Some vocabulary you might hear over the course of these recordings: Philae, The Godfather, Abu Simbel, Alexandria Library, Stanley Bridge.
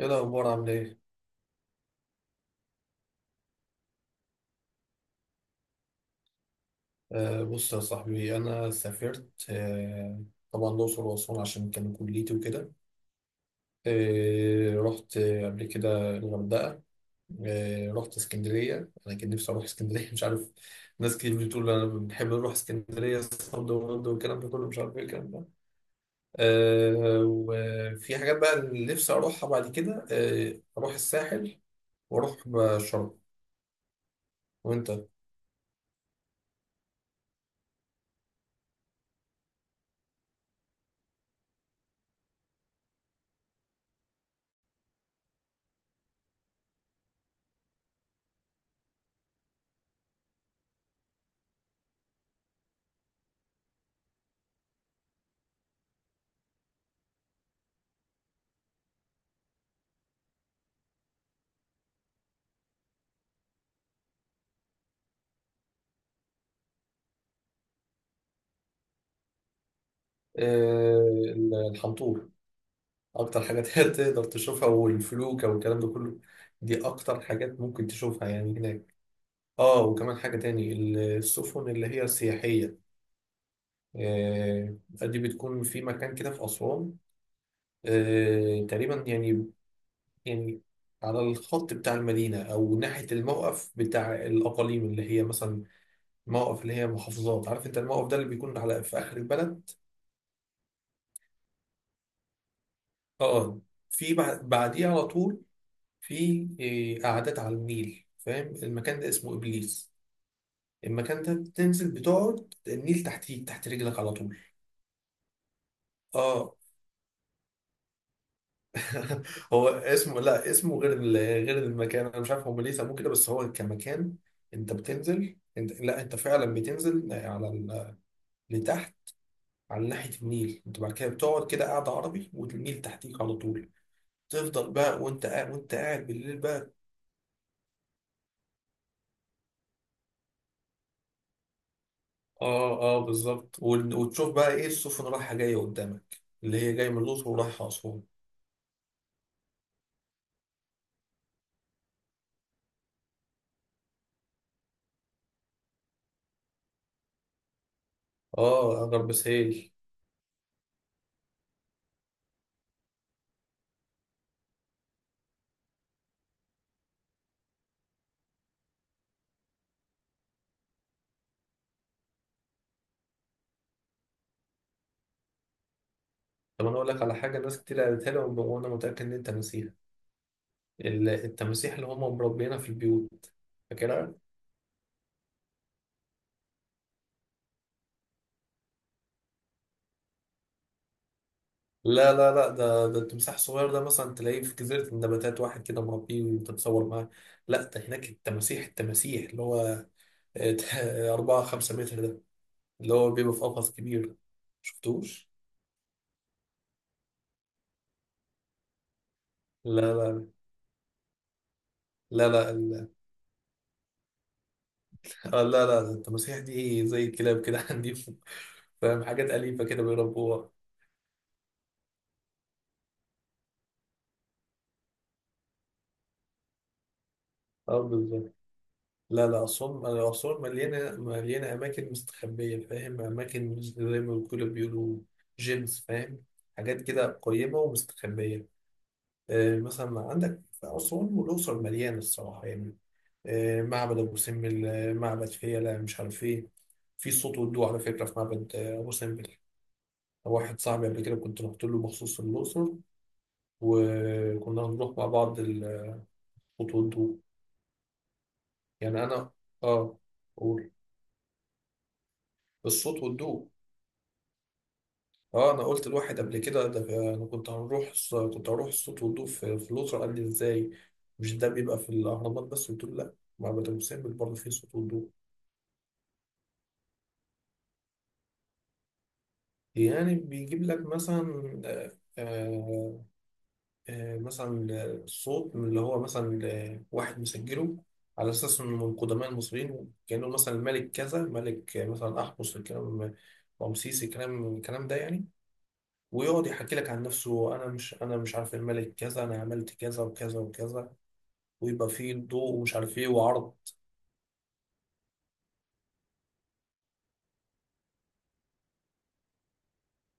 ايه الاخبار؟ عامل ايه؟ بص يا صاحبي، انا سافرت. طبعا الاقصر واسوان عشان كان كليتي وكده. رحت قبل كده الغردقه. رحت اسكندريه، انا كان نفسي اروح اسكندريه مش عارف. ناس كتير بتقول انا بنحب نروح اسكندريه صد ورد والكلام ده كله، مش عارف ايه الكلام ده. وفي حاجات بقى اللي نفسي اروحها بعد كده. اروح الساحل، واروح شرم. وانت؟ آه الحنطور اكتر حاجات هي تقدر تشوفها، والفلوكة والكلام ده كله. دي اكتر حاجات ممكن تشوفها يعني هناك. اه، وكمان حاجة تاني: السفن اللي هي السياحية. آه دي بتكون في مكان كده في أسوان. آه تقريبا يعني، يعني على الخط بتاع المدينة، أو ناحية الموقف بتاع الأقاليم، اللي هي مثلا موقف اللي هي محافظات. عارف أنت الموقف ده اللي بيكون على في آخر البلد؟ اه آه. في بعديه على طول. في قعدات على النيل. فاهم المكان ده؟ اسمه إبليس. المكان ده تنزل بتقعد النيل تحتيك، تحت رجلك على طول. اه. هو اسمه، لا اسمه غير غير المكان، انا مش عارف هم ليه سموه كده، بس هو كمكان انت بتنزل، انت لا انت فعلا بتنزل على لتحت على ناحية النيل. انت بعد كده بتقعد كده قاعدة عربي، والنيل تحتيك على طول. تفضل بقى وانت قاعد، وانت قاعد بالليل بقى. اه اه بالظبط. وتشوف بقى ايه، السفن رايحة جاية قدامك، اللي هي جاية من الأقصر ورايحة أسوان. اه، غرب سهيل. طب انا اقول لك على حاجه، ناس كتير قالتها لي وانا متاكد ان انت مسيحي. التماسيح اللي هم مربينا في البيوت، فاكرها؟ لا لا لا، ده ده التمساح الصغير ده مثلا تلاقيه في جزيره النباتات، واحد كده مربيه وتتصور معاه. لا، ده هناك التماسيح، اللي هو 4 5 متر ده، اللي هو بيبقى في قفص كبير، شفتوش؟ لا لا لا لا آه، لا لا، ده التماسيح دي زي الكلاب كده، عندي، فاهم؟ حاجات أليفة كده بيربوها. اه بالظبط. لا لا، أسوان أسوان مليانة، مليانة أماكن مستخبية، فاهم؟ أماكن مش زي ما بيقولوا، جيمز فاهم. حاجات كده قريبة ومستخبية. آه مثلا عندك في أسوان والأقصر مليانة الصراحة يعني. آه معبد أبو سمبل، معبد فيلة، مش عارف إيه. في صوت ودو على فكرة في معبد أبو سمبل. واحد صاحبي قبل كده كنت رحت له مخصوص الأقصر، وكنا هنروح مع بعض الصوت والضوء. يعني أنا، آه، أقول، الصوت والضوء. اه انا قلت الواحد قبل كده، ده انا كنت كنت هروح الصوت والضوء في في الاسره، قال لي ازاي؟ مش ده بيبقى في الاهرامات بس؟ قلت له لا، معبد ابو سمبل برضه فيه صوت والضوء. يعني بيجيب لك مثلا مثلا صوت من اللي هو مثلا واحد مسجله على اساس انه من قدماء المصريين، كانه مثلا الملك كذا، ملك مثلا احمس، الكلام، رمسيس، الكلام الكلام ده يعني. ويقعد يحكي لك عن نفسه، انا مش عارف الملك كذا، انا عملت كذا وكذا وكذا. ويبقى فيه ضوء ومش عارف ايه وعرض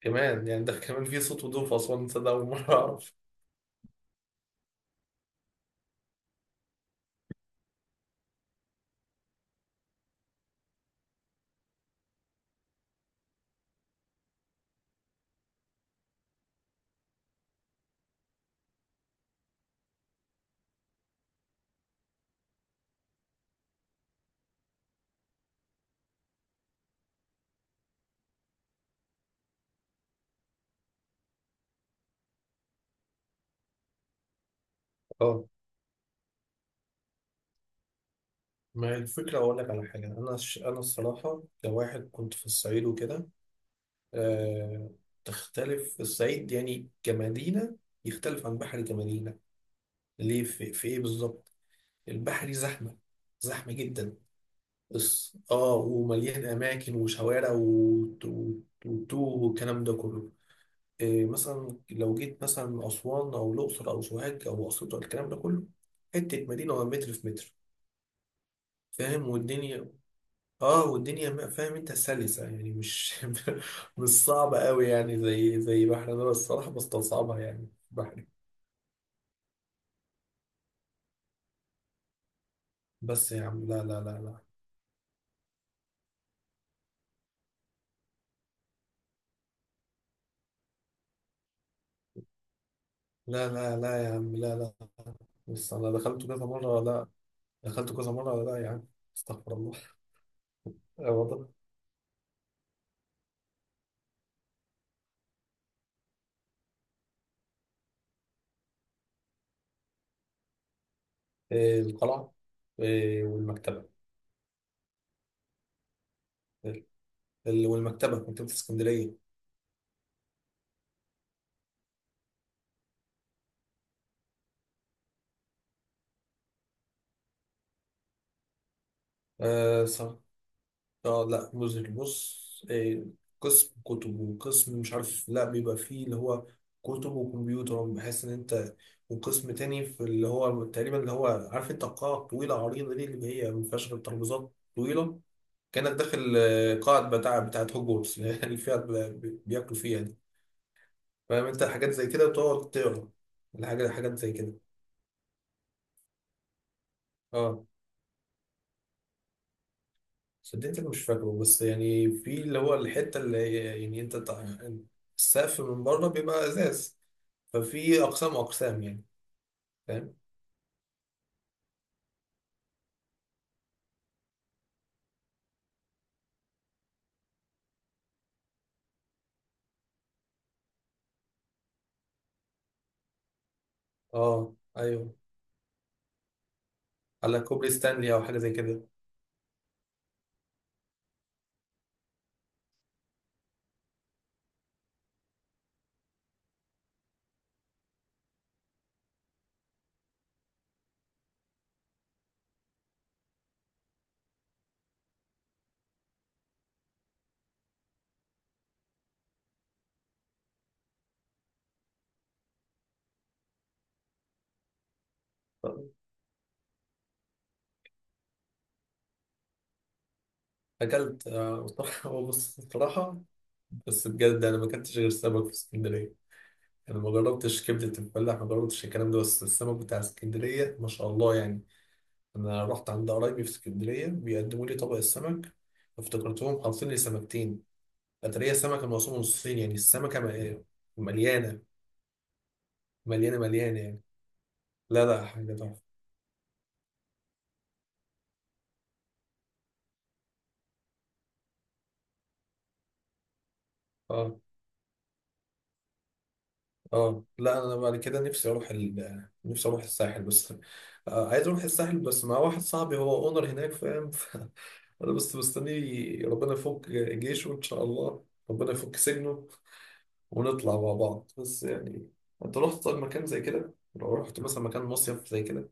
كمان يعني. ده كمان فيه صوت وضوء في أسوان؟ تصدق أول مرة أعرف. اه، ما هي الفكرة. أقول لك على حاجة، أنا أنا الصراحة كواحد كنت في الصعيد وكده، آه... تختلف الصعيد يعني كمدينة، يختلف عن بحري كمدينة. ليه؟ في إيه بالظبط؟ البحري زحمة، زحمة جدا. بس اه ومليان أماكن وشوارع وتوه والكلام ده كله. إيه مثلا لو جيت مثلا أسوان أو الأقصر أو سوهاج أو أسيوط أو الكلام ده كله، حتة مدينة، ولا متر في متر، فاهم؟ والدنيا، اه والدنيا فاهم انت، سلسة يعني، مش مش صعبة قوي يعني، زي زي بحر. انا الصراحة بستصعبها يعني بحري. بس يا عم لا لا لا، لا لا لا، لا يا عم، لا لا. بص انا دخلت كذا مرة، لا، دخلت كذا مرة، لا يا عم، استغفر الله. آه والله. آه، القلعة، آه، والمكتبة. والمكتبة، مكتبة اسكندرية. اه لا مذهل. بص إيه، قسم كتب وقسم مش عارف، لا بيبقى فيه اللي هو كتب وكمبيوتر، بحيث ان انت، وقسم تاني في اللي هو تقريبا اللي هو، عارف انت القاعة الطويلة عريضة دي اللي هي ما فيهاش غير ترابيزات طويلة؟ كأنك داخل قاعة بتاعت هوجورتس، اللي فيها بياكلوا فيها دي. فاهم انت، حاجات زي كده بتقعد تقرا الحاجة، حاجات زي كده. اه صدقتك مش فاكره، بس يعني في اللي هو الحتة يعني انت السقف من بره بيبقى ازاز، ففي اقسام اقسام يعني، فاهم. اه ايوه، على كوبري ستانلي او حاجة زي كده. اكلت، هو بص بصراحة، بس بجد انا ما اكلتش غير سمك في اسكندرية، انا ما جربتش كبدة الفلاح، ما جربتش الكلام ده، بس السمك بتاع اسكندرية ما شاء الله يعني. انا رحت عند قرايبي في اسكندرية، بيقدموا لي طبق السمك، افتكرتهم حاطين لي سمكتين. قطرية السمك الموصول من الصين يعني، السمكة مليانة، مليانة مليانة يعني. لا لا، حاجة تحفة. اه اه. لا انا بعد كده نفسي اروح ال... نفسي اروح الساحل بس. آه عايز اروح الساحل بس مع واحد صاحبي هو اونر هناك، فاهم؟ انا بس مستني ربنا يفك جيشه ان شاء الله، ربنا يفك سجنه، ونطلع مع بعض بس يعني. انت رحت طيب مكان زي كده؟ لو رحت مثلا مكان مصيف زي كده؟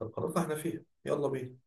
طب خلاص احنا فيه، يلا بينا.